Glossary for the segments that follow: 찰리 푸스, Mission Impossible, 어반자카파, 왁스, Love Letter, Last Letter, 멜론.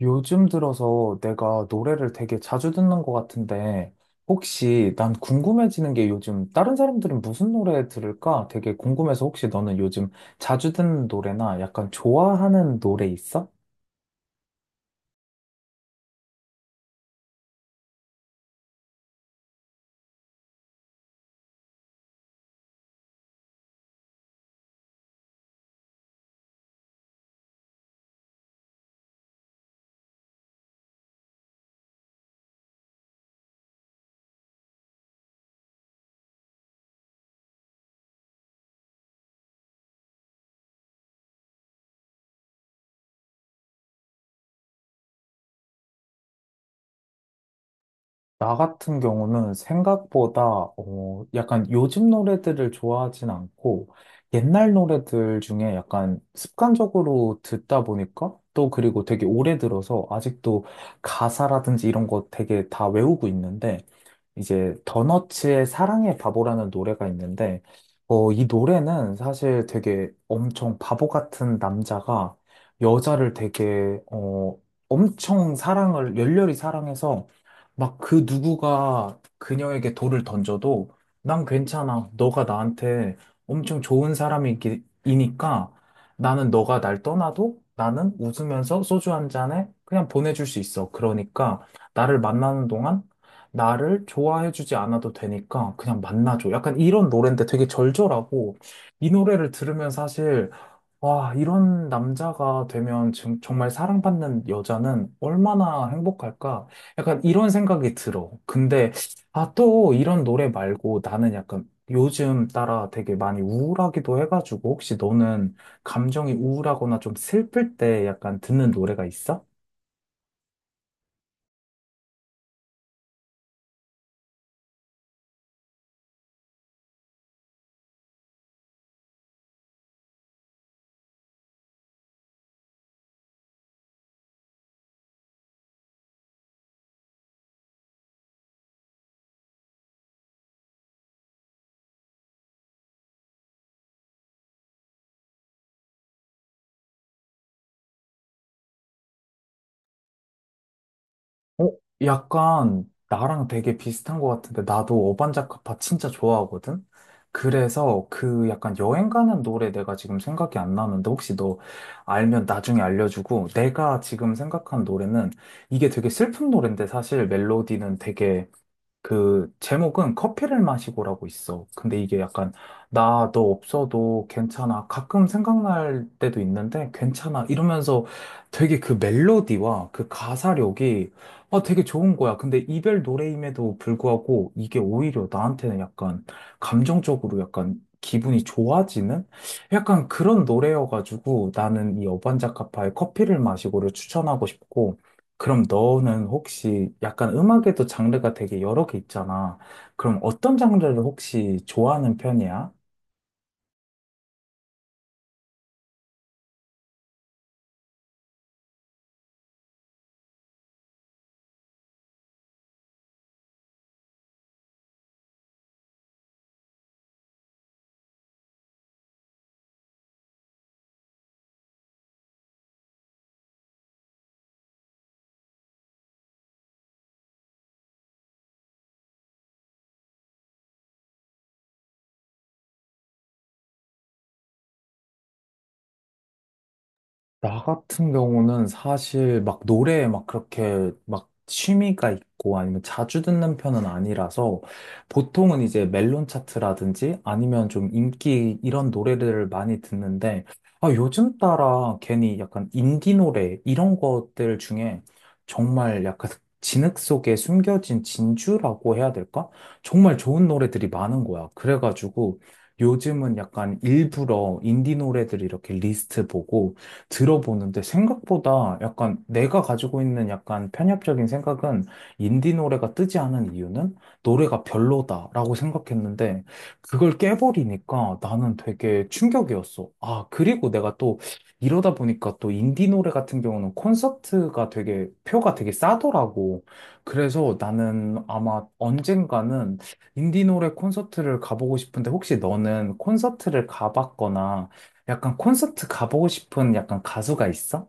요즘 들어서 내가 노래를 되게 자주 듣는 것 같은데, 혹시 난 궁금해지는 게 요즘 다른 사람들은 무슨 노래 들을까? 되게 궁금해서 혹시 너는 요즘 자주 듣는 노래나 약간 좋아하는 노래 있어? 나 같은 경우는 생각보다 약간 요즘 노래들을 좋아하진 않고 옛날 노래들 중에 약간 습관적으로 듣다 보니까 또 그리고 되게 오래 들어서 아직도 가사라든지 이런 거 되게 다 외우고 있는데 이제 더너츠의 사랑의 바보라는 노래가 있는데. 이 노래는 사실 되게 엄청 바보 같은 남자가 여자를 되게 엄청 사랑을 열렬히 사랑해서 막 그 누구가 그녀에게 돌을 던져도 난 괜찮아. 너가 나한테 엄청 좋은 사람이니까 나는 너가 날 떠나도 나는 웃으면서 소주 한 잔에 그냥 보내줄 수 있어. 그러니까 나를 만나는 동안 나를 좋아해주지 않아도 되니까 그냥 만나줘. 약간 이런 노래인데 되게 절절하고 이 노래를 들으면 사실 와, 이런 남자가 되면 정말 사랑받는 여자는 얼마나 행복할까? 약간 이런 생각이 들어. 근데, 아, 또 이런 노래 말고 나는 약간 요즘 따라 되게 많이 우울하기도 해가지고 혹시 너는 감정이 우울하거나 좀 슬플 때 약간 듣는 노래가 있어? 어? 약간 나랑 되게 비슷한 것 같은데 나도 어반자카파 진짜 좋아하거든? 그래서 그 약간 여행 가는 노래 내가 지금 생각이 안 나는데 혹시 너 알면 나중에 알려주고 내가 지금 생각한 노래는 이게 되게 슬픈 노래인데 사실 멜로디는 되게, 그 제목은 커피를 마시고라고 있어. 근데 이게 약간 나 너 없어도 괜찮아. 가끔 생각날 때도 있는데 괜찮아. 이러면서 되게 그 멜로디와 그 가사력이 아 되게 좋은 거야. 근데 이별 노래임에도 불구하고 이게 오히려 나한테는 약간 감정적으로 약간 기분이 좋아지는 약간 그런 노래여가지고 나는 이 어반자카파의 커피를 마시고를 추천하고 싶고, 그럼 너는 혹시 약간 음악에도 장르가 되게 여러 개 있잖아. 그럼 어떤 장르를 혹시 좋아하는 편이야? 나 같은 경우는 사실 막 노래에 막 그렇게 막 취미가 있고 아니면 자주 듣는 편은 아니라서 보통은 이제 멜론 차트라든지 아니면 좀 인기 이런 노래들을 많이 듣는데, 아, 요즘 따라 괜히 약간 인디 노래 이런 것들 중에 정말 약간 진흙 속에 숨겨진 진주라고 해야 될까? 정말 좋은 노래들이 많은 거야. 그래가지고 요즘은 약간 일부러 인디 노래들 이렇게 리스트 보고 들어보는데 생각보다 약간 내가 가지고 있는 약간 편협적인 생각은 인디 노래가 뜨지 않은 이유는 노래가 별로다라고 생각했는데 그걸 깨버리니까 나는 되게 충격이었어. 아, 그리고 내가 또 이러다 보니까 또 인디 노래 같은 경우는 콘서트가 되게 표가 되게 싸더라고. 그래서 나는 아마 언젠가는 인디 노래 콘서트를 가보고 싶은데 혹시 너는 콘서트를 가봤거나 약간 콘서트 가보고 싶은 약간 가수가 있어?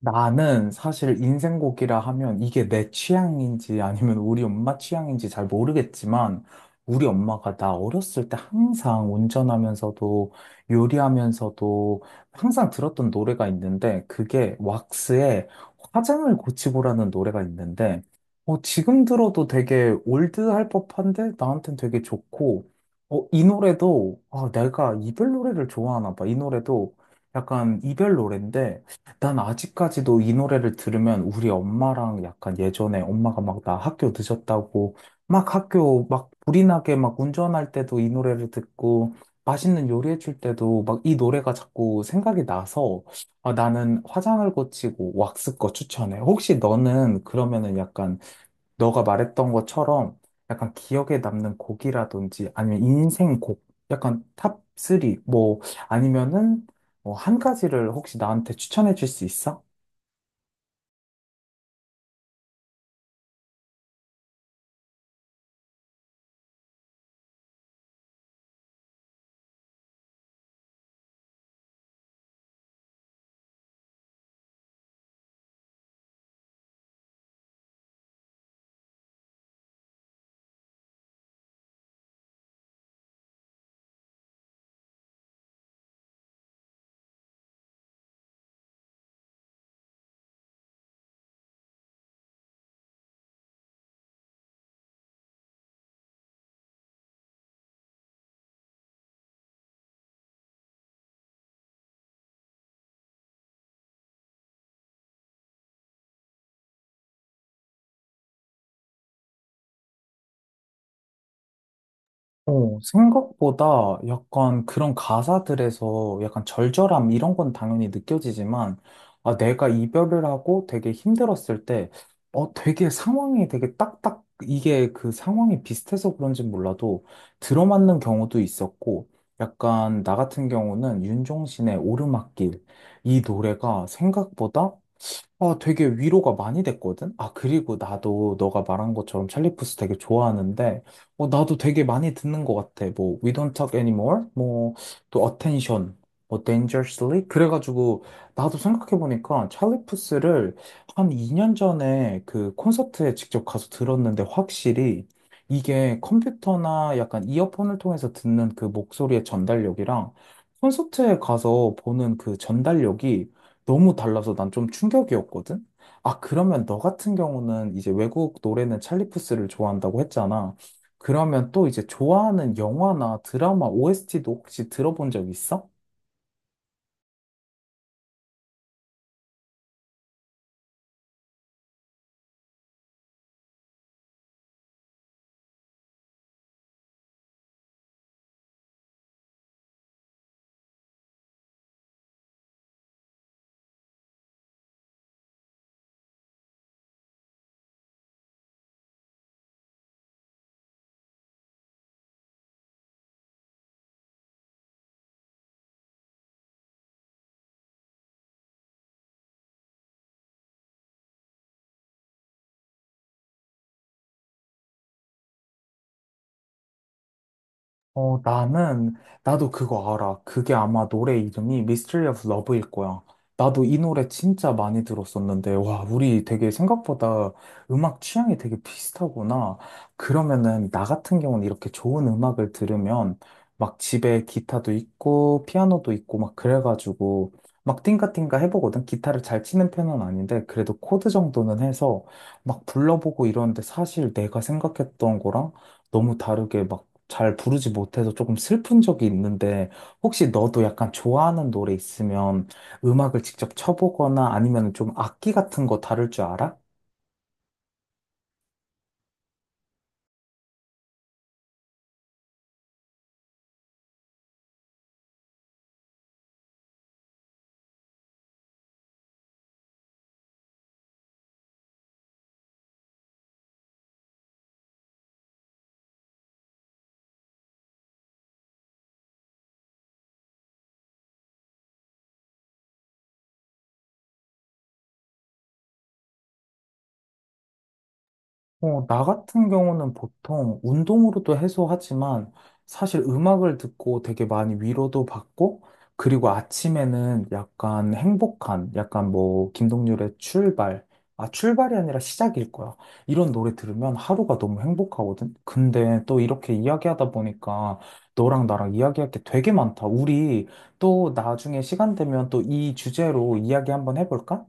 나는 사실 인생곡이라 하면 이게 내 취향인지 아니면 우리 엄마 취향인지 잘 모르겠지만 우리 엄마가 나 어렸을 때 항상 운전하면서도 요리하면서도 항상 들었던 노래가 있는데 그게 왁스의 화장을 고치고라는 노래가 있는데 지금 들어도 되게 올드할 법한데 나한텐 되게 좋고, 이 노래도 아, 내가 이별 노래를 좋아하나 봐. 이 노래도 약간 이별 노래인데 난 아직까지도 이 노래를 들으면 우리 엄마랑 약간 예전에 엄마가 막 나 학교 늦었다고 막 학교 막 불이 나게 막 운전할 때도 이 노래를 듣고 맛있는 요리해 줄 때도 막 이 노래가 자꾸 생각이 나서 아, 나는 화장을 고치고 왁스 거 추천해. 혹시 너는 그러면은 약간 너가 말했던 것처럼 약간 기억에 남는 곡이라든지 아니면 인생 곡, 약간 탑3, 뭐 아니면은 뭐 한 가지를 혹시 나한테 추천해 줄 수 있어? 생각보다 약간 그런 가사들에서 약간 절절함 이런 건 당연히 느껴지지만, 아, 내가 이별을 하고 되게 힘들었을 때, 되게 상황이 되게 이게 그 상황이 비슷해서 그런지 몰라도 들어맞는 경우도 있었고, 약간 나 같은 경우는 윤종신의 오르막길, 이 노래가 생각보다 아, 되게 위로가 많이 됐거든? 아, 그리고 나도 너가 말한 것처럼 찰리 푸스 되게 좋아하는데, 나도 되게 많이 듣는 것 같아. 뭐, We Don't Talk Anymore, 뭐, 또 Attention, 뭐, Dangerously? 그래가지고, 나도 생각해보니까 찰리 푸스를 한 2년 전에 그 콘서트에 직접 가서 들었는데, 확실히 이게 컴퓨터나 약간 이어폰을 통해서 듣는 그 목소리의 전달력이랑 콘서트에 가서 보는 그 전달력이 너무 달라서 난 좀 충격이었거든? 아, 그러면 너 같은 경우는 이제 외국 노래는 찰리 푸스를 좋아한다고 했잖아. 그러면 또 이제 좋아하는 영화나 드라마 OST도 혹시 들어본 적 있어? 어, 나는, 나도 그거 알아. 그게 아마 노래 이름이 Mystery of Love일 거야. 나도 이 노래 진짜 많이 들었었는데, 와, 우리 되게 생각보다 음악 취향이 되게 비슷하구나. 그러면은, 나 같은 경우는 이렇게 좋은 음악을 들으면, 막 집에 기타도 있고, 피아노도 있고, 막 그래가지고, 막 띵가띵가 해보거든. 기타를 잘 치는 편은 아닌데, 그래도 코드 정도는 해서, 막 불러보고 이러는데, 사실 내가 생각했던 거랑, 너무 다르게 막 잘 부르지 못해서 조금 슬픈 적이 있는데 혹시 너도 약간 좋아하는 노래 있으면 음악을 직접 쳐보거나 아니면 좀 악기 같은 거 다룰 줄 알아? 나 같은 경우는 보통 운동으로도 해소하지만 사실 음악을 듣고 되게 많이 위로도 받고 그리고 아침에는 약간 행복한 약간 뭐 김동률의 출발, 아 출발이 아니라 시작일 거야. 이런 노래 들으면 하루가 너무 행복하거든. 근데 또 이렇게 이야기하다 보니까 너랑 나랑 이야기할 게 되게 많다 우리. 또 나중에 시간 되면 또 이 주제로 이야기 한번 해볼까?